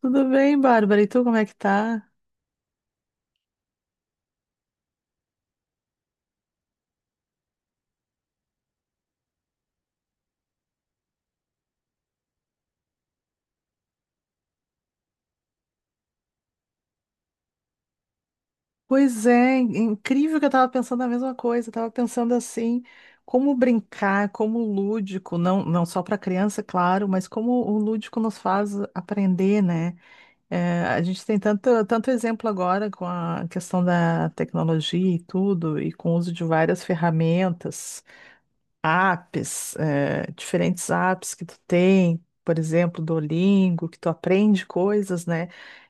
Tudo bem, Bárbara? E tu, como é que tá? Pois é, incrível que eu tava pensando a mesma coisa. Eu tava pensando assim, como brincar, como o lúdico, não, não só para criança, claro, mas como o lúdico nos faz aprender, né? É, a gente tem tanto, tanto exemplo agora com a questão da tecnologia e tudo, e com o uso de várias ferramentas. Apps, diferentes apps que tu tem, por exemplo, Duolingo, que tu aprende coisas, né?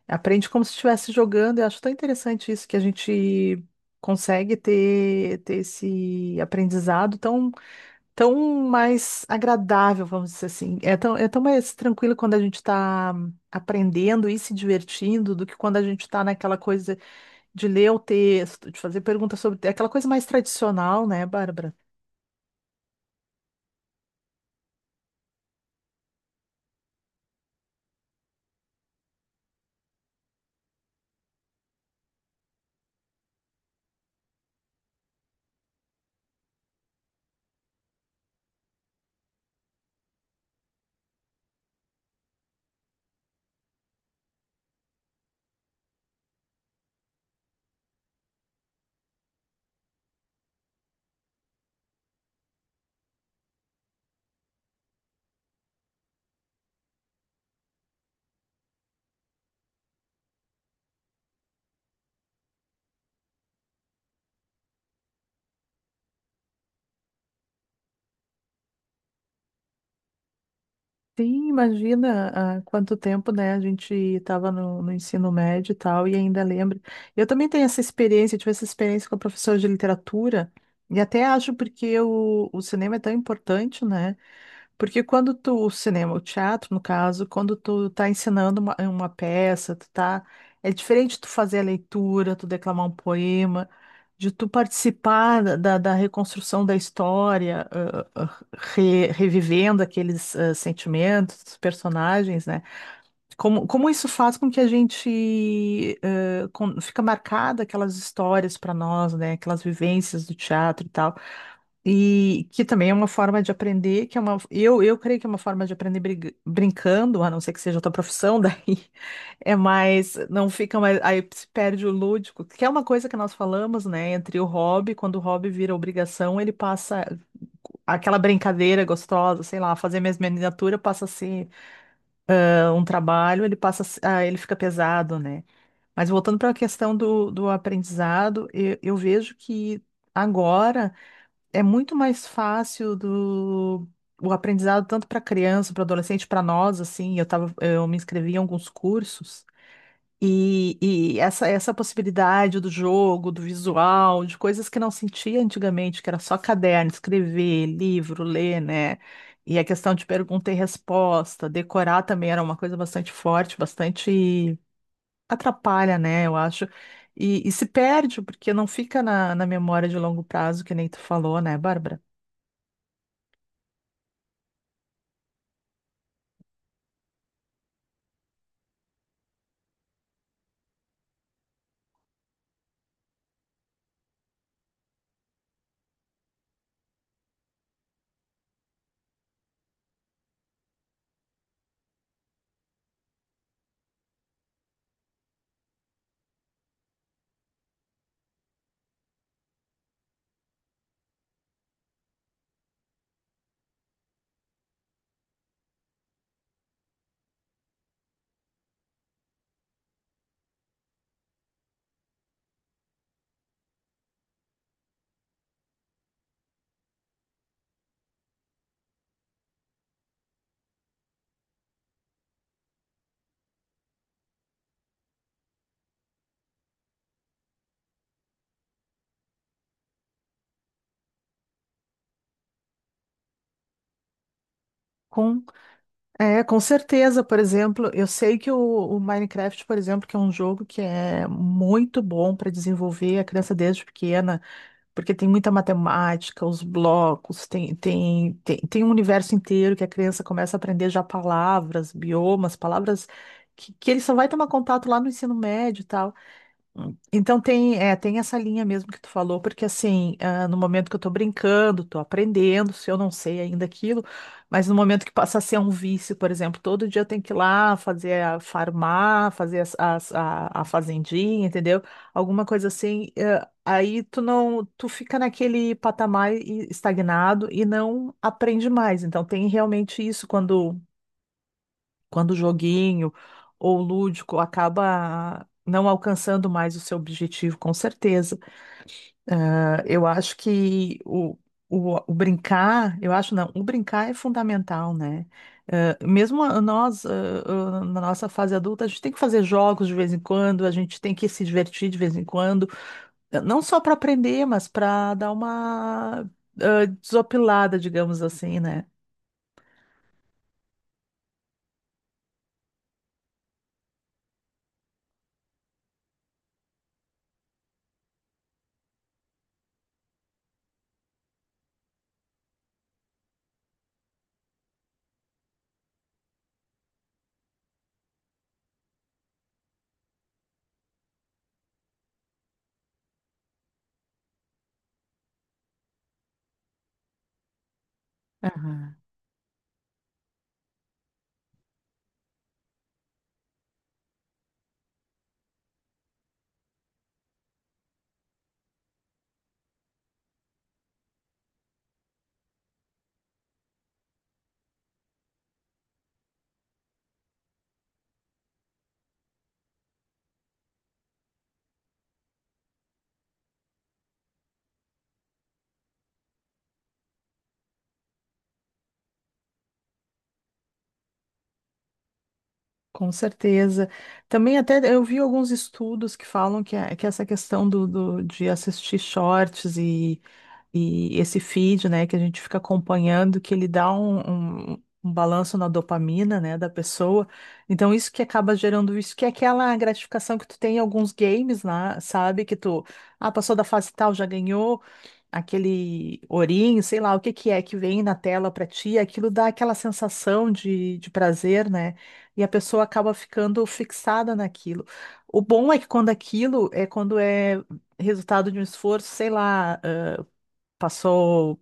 Aprende como se estivesse jogando. Eu acho tão interessante isso que a gente consegue ter esse aprendizado tão, tão mais agradável, vamos dizer assim. É tão mais tranquilo quando a gente está aprendendo e se divertindo do que quando a gente está naquela coisa de ler o texto, de fazer perguntas sobre é aquela coisa mais tradicional, né, Bárbara? Sim, imagina há quanto tempo, né? A gente estava no ensino médio e tal, e ainda lembro. Eu também tenho essa experiência, tive essa experiência com a professora de literatura, e até acho porque o cinema é tão importante, né? Porque quando tu, o cinema, o teatro, no caso, quando tu tá ensinando uma peça, tu tá, é diferente tu fazer a leitura, tu declamar um poema, de tu participar da reconstrução da história, revivendo aqueles sentimentos, dos personagens, né? Como, como isso faz com que a gente fica marcada aquelas histórias para nós, né? Aquelas vivências do teatro e tal. E que também é uma forma de aprender, que é uma, eu creio que é uma forma de aprender brincando, a não ser que seja a tua profissão, daí é mais, não fica mais, aí se perde o lúdico, que é uma coisa que nós falamos, né, entre o hobby, quando o hobby vira obrigação, ele passa, aquela brincadeira gostosa, sei lá, fazer minhas miniatura passa a ser um trabalho, ele passa, a se- ah, ele fica pesado, né? Mas voltando para a questão do aprendizado, eu vejo que agora é muito mais fácil do o aprendizado tanto para criança, para adolescente, para nós, assim, eu tava, eu me inscrevi em alguns cursos e, e essa possibilidade do jogo, do visual, de coisas que não sentia antigamente, que era só caderno, escrever, livro, ler, né? E a questão de pergunta e resposta, decorar também era uma coisa bastante forte, bastante atrapalha, né? Eu acho. E se perde, porque não fica na memória de longo prazo, que nem tu falou, né, Bárbara? Com, com certeza, por exemplo, eu sei que o Minecraft, por exemplo, que é um jogo que é muito bom para desenvolver a criança desde pequena, porque tem muita matemática, os blocos, tem um universo inteiro que a criança começa a aprender já palavras, biomas, palavras que ele só vai tomar contato lá no ensino médio e tal. Então tem, é, tem essa linha mesmo que tu falou, porque assim, ah, no momento que eu tô brincando, tô aprendendo, se eu não sei ainda aquilo, mas no momento que passa a ser um vício, por exemplo, todo dia eu tenho que ir lá fazer a farmar, fazer a fazendinha, entendeu? Alguma coisa assim, aí tu não, tu fica naquele patamar estagnado e não aprende mais. Então tem realmente isso quando quando o joguinho ou o lúdico acaba não alcançando mais o seu objetivo, com certeza. Ah, eu acho que o brincar, eu acho não, o brincar é fundamental, né? Nós, na nossa fase adulta, a gente tem que fazer jogos de vez em quando, a gente tem que se divertir de vez em quando, não só para aprender, mas para dar uma desopilada, digamos assim, né? Com certeza. Também até eu vi alguns estudos que falam que, que essa questão de assistir shorts e esse feed, né, que a gente fica acompanhando, que ele dá um balanço na dopamina, né, da pessoa. Então, isso que acaba gerando isso, que é aquela gratificação que tu tem em alguns games, né, sabe? Que tu, ah, passou da fase tal, já ganhou, aquele ourinho, sei lá o que que é que vem na tela para ti, aquilo dá aquela sensação de prazer, né? E a pessoa acaba ficando fixada naquilo. O bom é que quando aquilo é quando é resultado de um esforço, sei lá, passou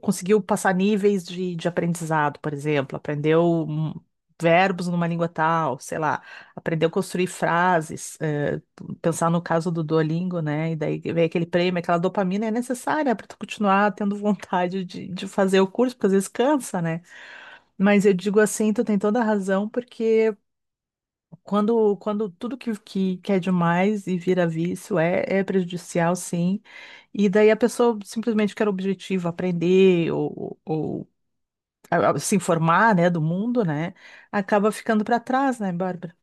conseguiu passar níveis de aprendizado, por exemplo, aprendeu verbos numa língua tal, sei lá, aprendeu a construir frases, pensar no caso do Duolingo, né? E daí vem aquele prêmio, aquela dopamina é necessária para tu continuar tendo vontade de fazer o curso, porque às vezes cansa, né? Mas eu digo assim, tu tem toda a razão, porque quando tudo que é demais e vira vício é, é prejudicial, sim. E daí a pessoa simplesmente quer o objetivo, aprender ou se informar, né, do mundo, né, acaba ficando para trás, né, Bárbara?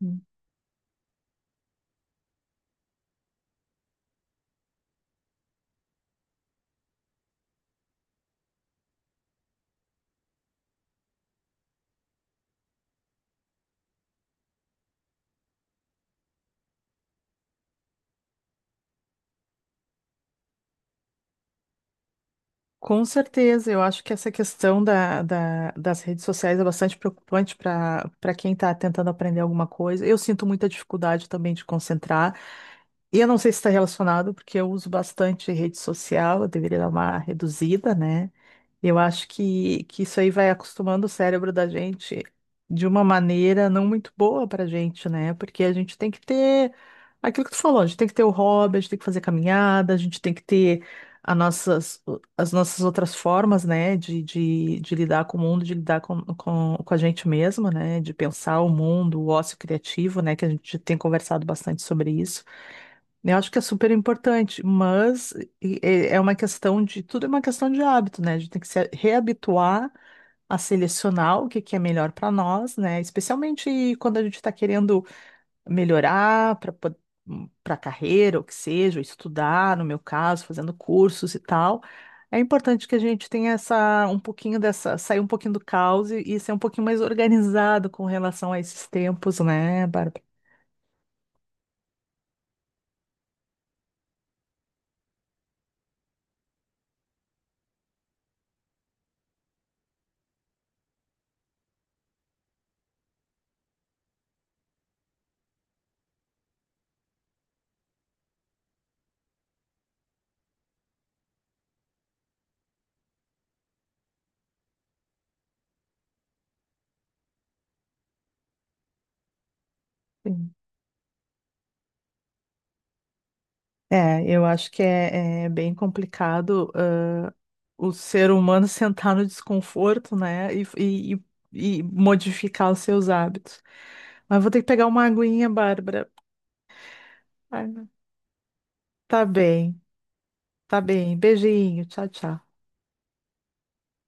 Hum. Com certeza, eu acho que essa questão das redes sociais é bastante preocupante para para quem está tentando aprender alguma coisa. Eu sinto muita dificuldade também de concentrar. E eu não sei se está relacionado, porque eu uso bastante rede social, eu deveria dar uma reduzida, né? Eu acho que isso aí vai acostumando o cérebro da gente de uma maneira não muito boa pra gente, né? Porque a gente tem que ter aquilo que tu falou, a gente tem que ter o hobby, a gente tem que fazer caminhada, a gente tem que ter as nossas, as nossas outras formas, né? De lidar com o mundo, de lidar com a gente mesma, né? De pensar o mundo, o ócio criativo, né? Que a gente tem conversado bastante sobre isso. Eu acho que é super importante, mas é uma questão de, tudo é uma questão de hábito, né? A gente tem que se reabituar a selecionar o que que é melhor para nós, né? Especialmente quando a gente está querendo melhorar para para carreira, ou que seja, ou estudar, no meu caso, fazendo cursos e tal. É importante que a gente tenha essa um pouquinho dessa, sair um pouquinho do caos e ser um pouquinho mais organizado com relação a esses tempos, né, Bárbara? Sim. É, eu acho que é, é bem complicado, o ser humano sentar no desconforto, né, e modificar os seus hábitos. Mas vou ter que pegar uma aguinha, Bárbara. Ai, não. Tá bem, tá bem. Beijinho, tchau, tchau.